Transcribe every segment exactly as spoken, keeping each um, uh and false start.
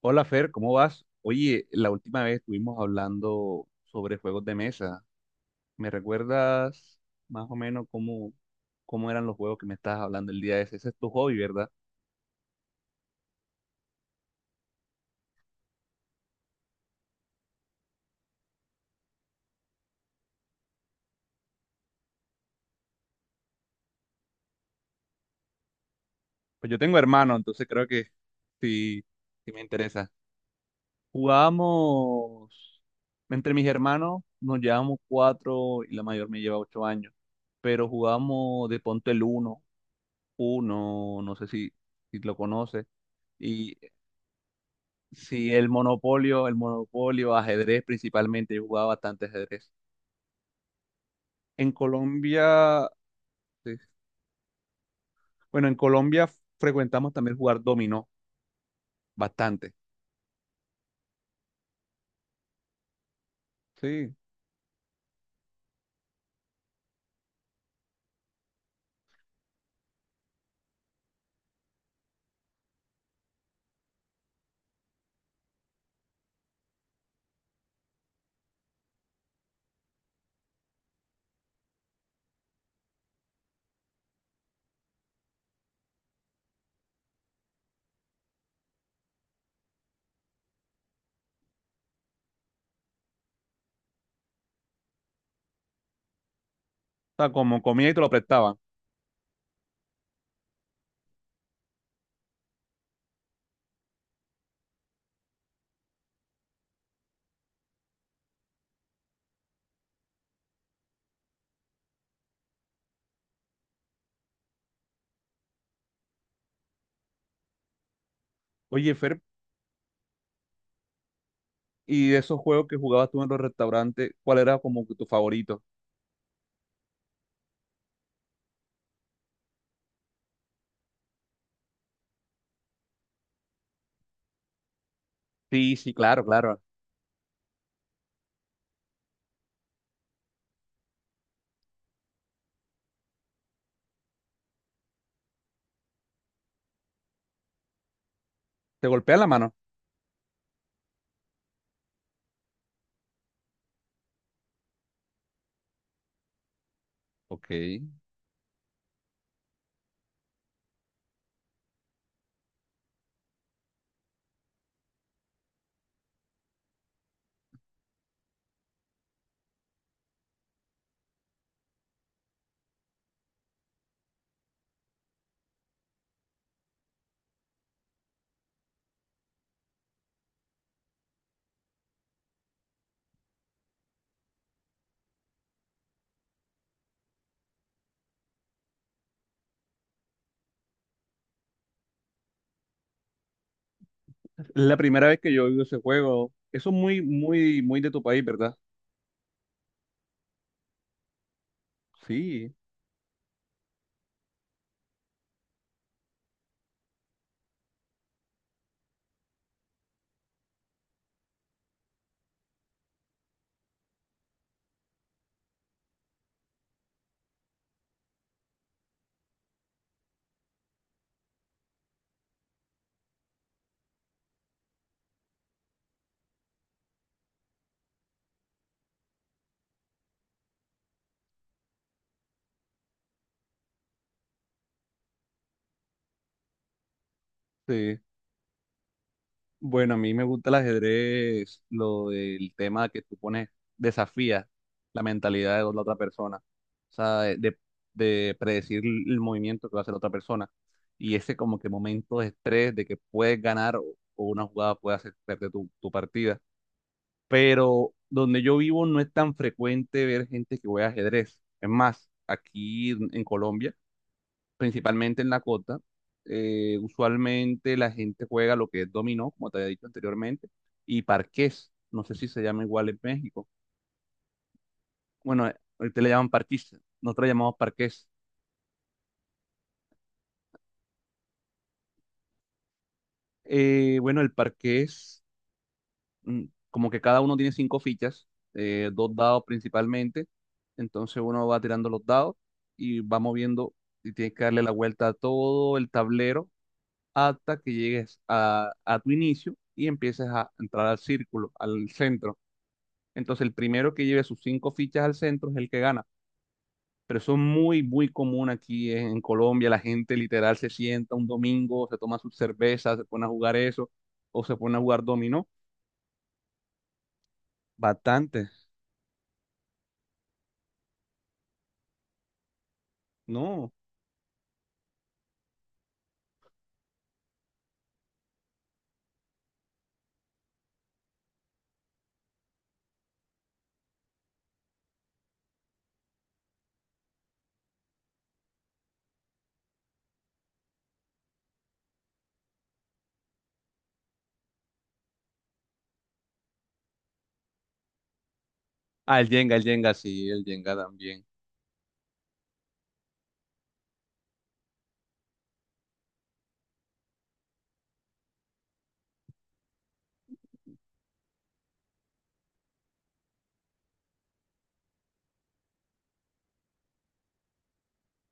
Hola Fer, ¿cómo vas? Oye, la última vez estuvimos hablando sobre juegos de mesa. ¿Me recuerdas más o menos cómo, cómo eran los juegos que me estabas hablando el día de ese? Ese es tu hobby, ¿verdad? Pues yo tengo hermano, entonces creo que sí, sí me interesa. Jugamos entre mis hermanos nos llevamos cuatro y la mayor me lleva ocho años, pero jugamos de ponte el uno, uno, no sé si, si lo conoces. Y sí, el monopolio, el monopolio, ajedrez principalmente, yo jugaba bastante ajedrez. En Colombia, sí. Bueno, en Colombia frecuentamos también jugar dominó bastante. Sí, o sea, como comía y te lo prestaban. Oye, Fer, ¿y de esos juegos que jugabas tú en los restaurantes, cuál era como que tu favorito? Sí, sí, claro, claro. ¿Te golpea la mano? Ok. Es la primera vez que yo he oído ese juego. Eso es muy, muy, muy de tu país, ¿verdad? Sí, sí. Bueno, a mí me gusta el ajedrez, lo del tema que tú pones, desafías la mentalidad de la otra persona, o sea, de, de- de predecir el movimiento que va a hacer la otra persona y ese como que momento de estrés de que puedes ganar o, o una jugada puede hacer perder tu, tu partida. Pero donde yo vivo no es tan frecuente ver gente que juega ajedrez. Es más, aquí en en Colombia principalmente en la costa. Eh, usualmente la gente juega lo que es dominó, como te había dicho anteriormente, y parqués. No sé si se llama igual en México. Bueno, eh, ahorita le llaman parquís, nosotros le llamamos parqués. Eh, bueno, el parqués, mm, como que cada uno tiene cinco fichas, eh, dos dados principalmente. Entonces uno va tirando los dados y va moviendo y tiene que darle la vuelta a todo el tablero hasta que llegues a, a tu inicio y empieces a entrar al círculo, al centro. Entonces, el primero que lleve sus cinco fichas al centro es el que gana. Pero eso es muy, muy común aquí en, en Colombia. La gente literal se sienta un domingo, se toma sus cervezas, se pone a jugar eso, o se pone a jugar dominó. Bastante, ¿no? Ah, el Jenga, el Jenga, sí, el Jenga también.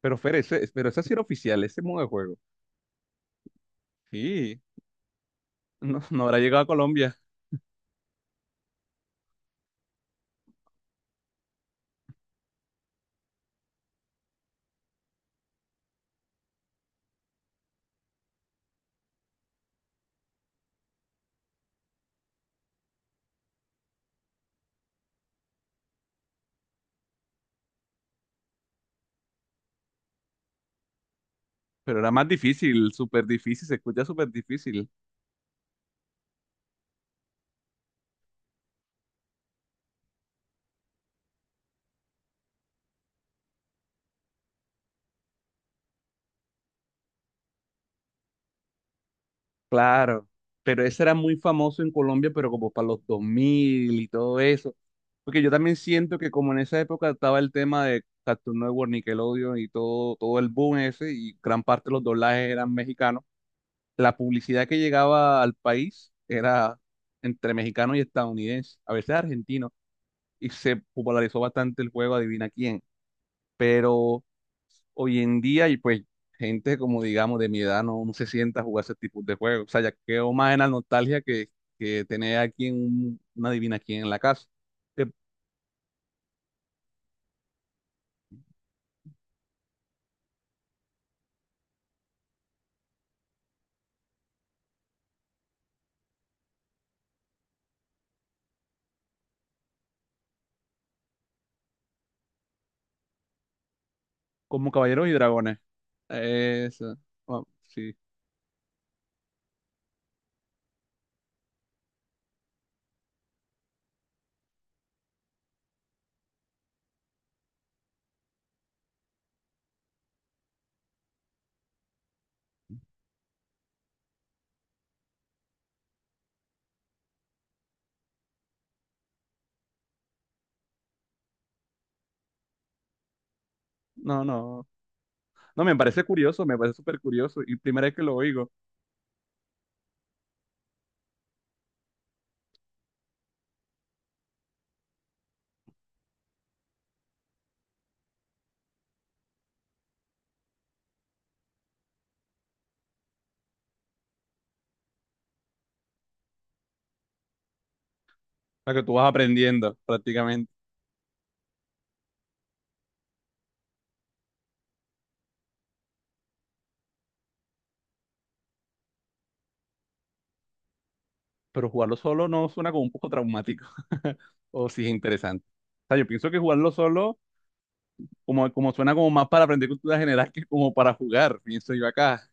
Pero Fer, ese, pero ese sí era oficial, ese modo de juego. Sí, no, no habrá llegado a Colombia, pero era más difícil, súper difícil, se escucha súper difícil. Claro, pero ese era muy famoso en Colombia, pero como para los dos mil y todo eso. Porque yo también siento que como en esa época estaba el tema de Cartoon Network, Nickelodeon y todo, todo el boom ese, y gran parte de los doblajes eran mexicanos, la publicidad que llegaba al país era entre mexicano y estadounidense, a veces argentino, y se popularizó bastante el juego Adivina quién. Pero hoy en día y pues gente como digamos de mi edad no, no se sienta a jugar ese tipo de juegos. O sea, ya quedo más en la nostalgia que, que tener aquí un, una divina aquí en la casa. Eh, como Caballeros y Dragones. Eso. Bueno, sí. No, no. No, me parece curioso, me parece súper curioso. Y primera vez que lo oigo, o sea, que tú vas aprendiendo prácticamente. Pero jugarlo solo no suena como un poco traumático. O sí es interesante. O sea, yo pienso que jugarlo solo como, como suena como más para aprender cultura general que como para jugar, pienso yo acá.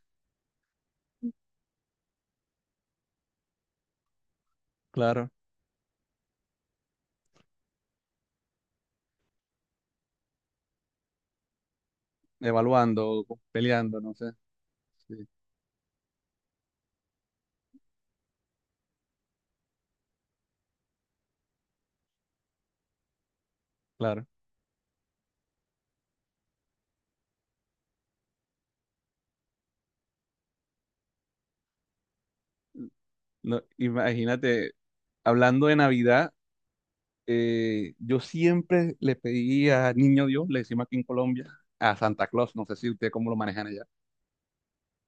Claro, evaluando, peleando, no sé. Sí, claro. No, imagínate, hablando de Navidad, eh, yo siempre le pedí a Niño Dios, le decimos aquí en Colombia, a Santa Claus, no sé si usted cómo lo manejan allá.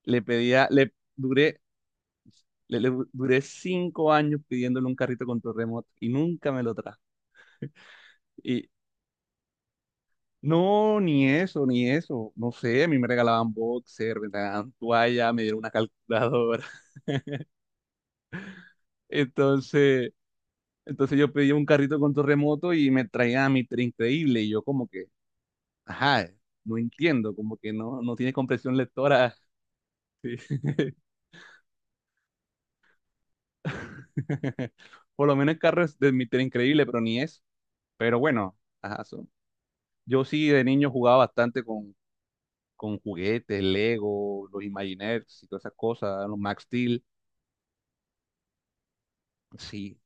Le pedía, le duré, le, le duré cinco años pidiéndole un carrito con remoto y nunca me lo trajo. Y no, ni eso, ni eso. No sé, a mí me regalaban boxer, me regalaban toalla, me dieron una calculadora. Entonces. Entonces yo pedí un carrito con torremoto y me traía mi tren Increíble y yo como que, ajá, no entiendo, como que no, no tiene compresión lectora. Sí. Por lo menos el carro es de mi tren Increíble, pero ni es. Pero bueno, ajá, son- yo sí de niño jugaba bastante con, con juguetes, Lego, los Imagineers y todas esas cosas, los Max Steel. Sí,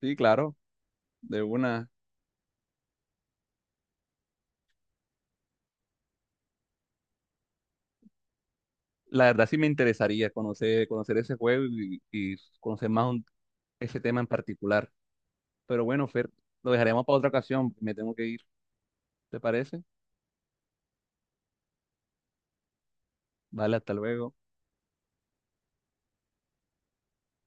sí, claro, de una. La verdad sí me interesaría conocer, conocer ese juego y, y conocer más un- ese tema en particular. Pero bueno, Fer, lo dejaremos para otra ocasión. Me tengo que ir. ¿Te parece? Vale, hasta luego.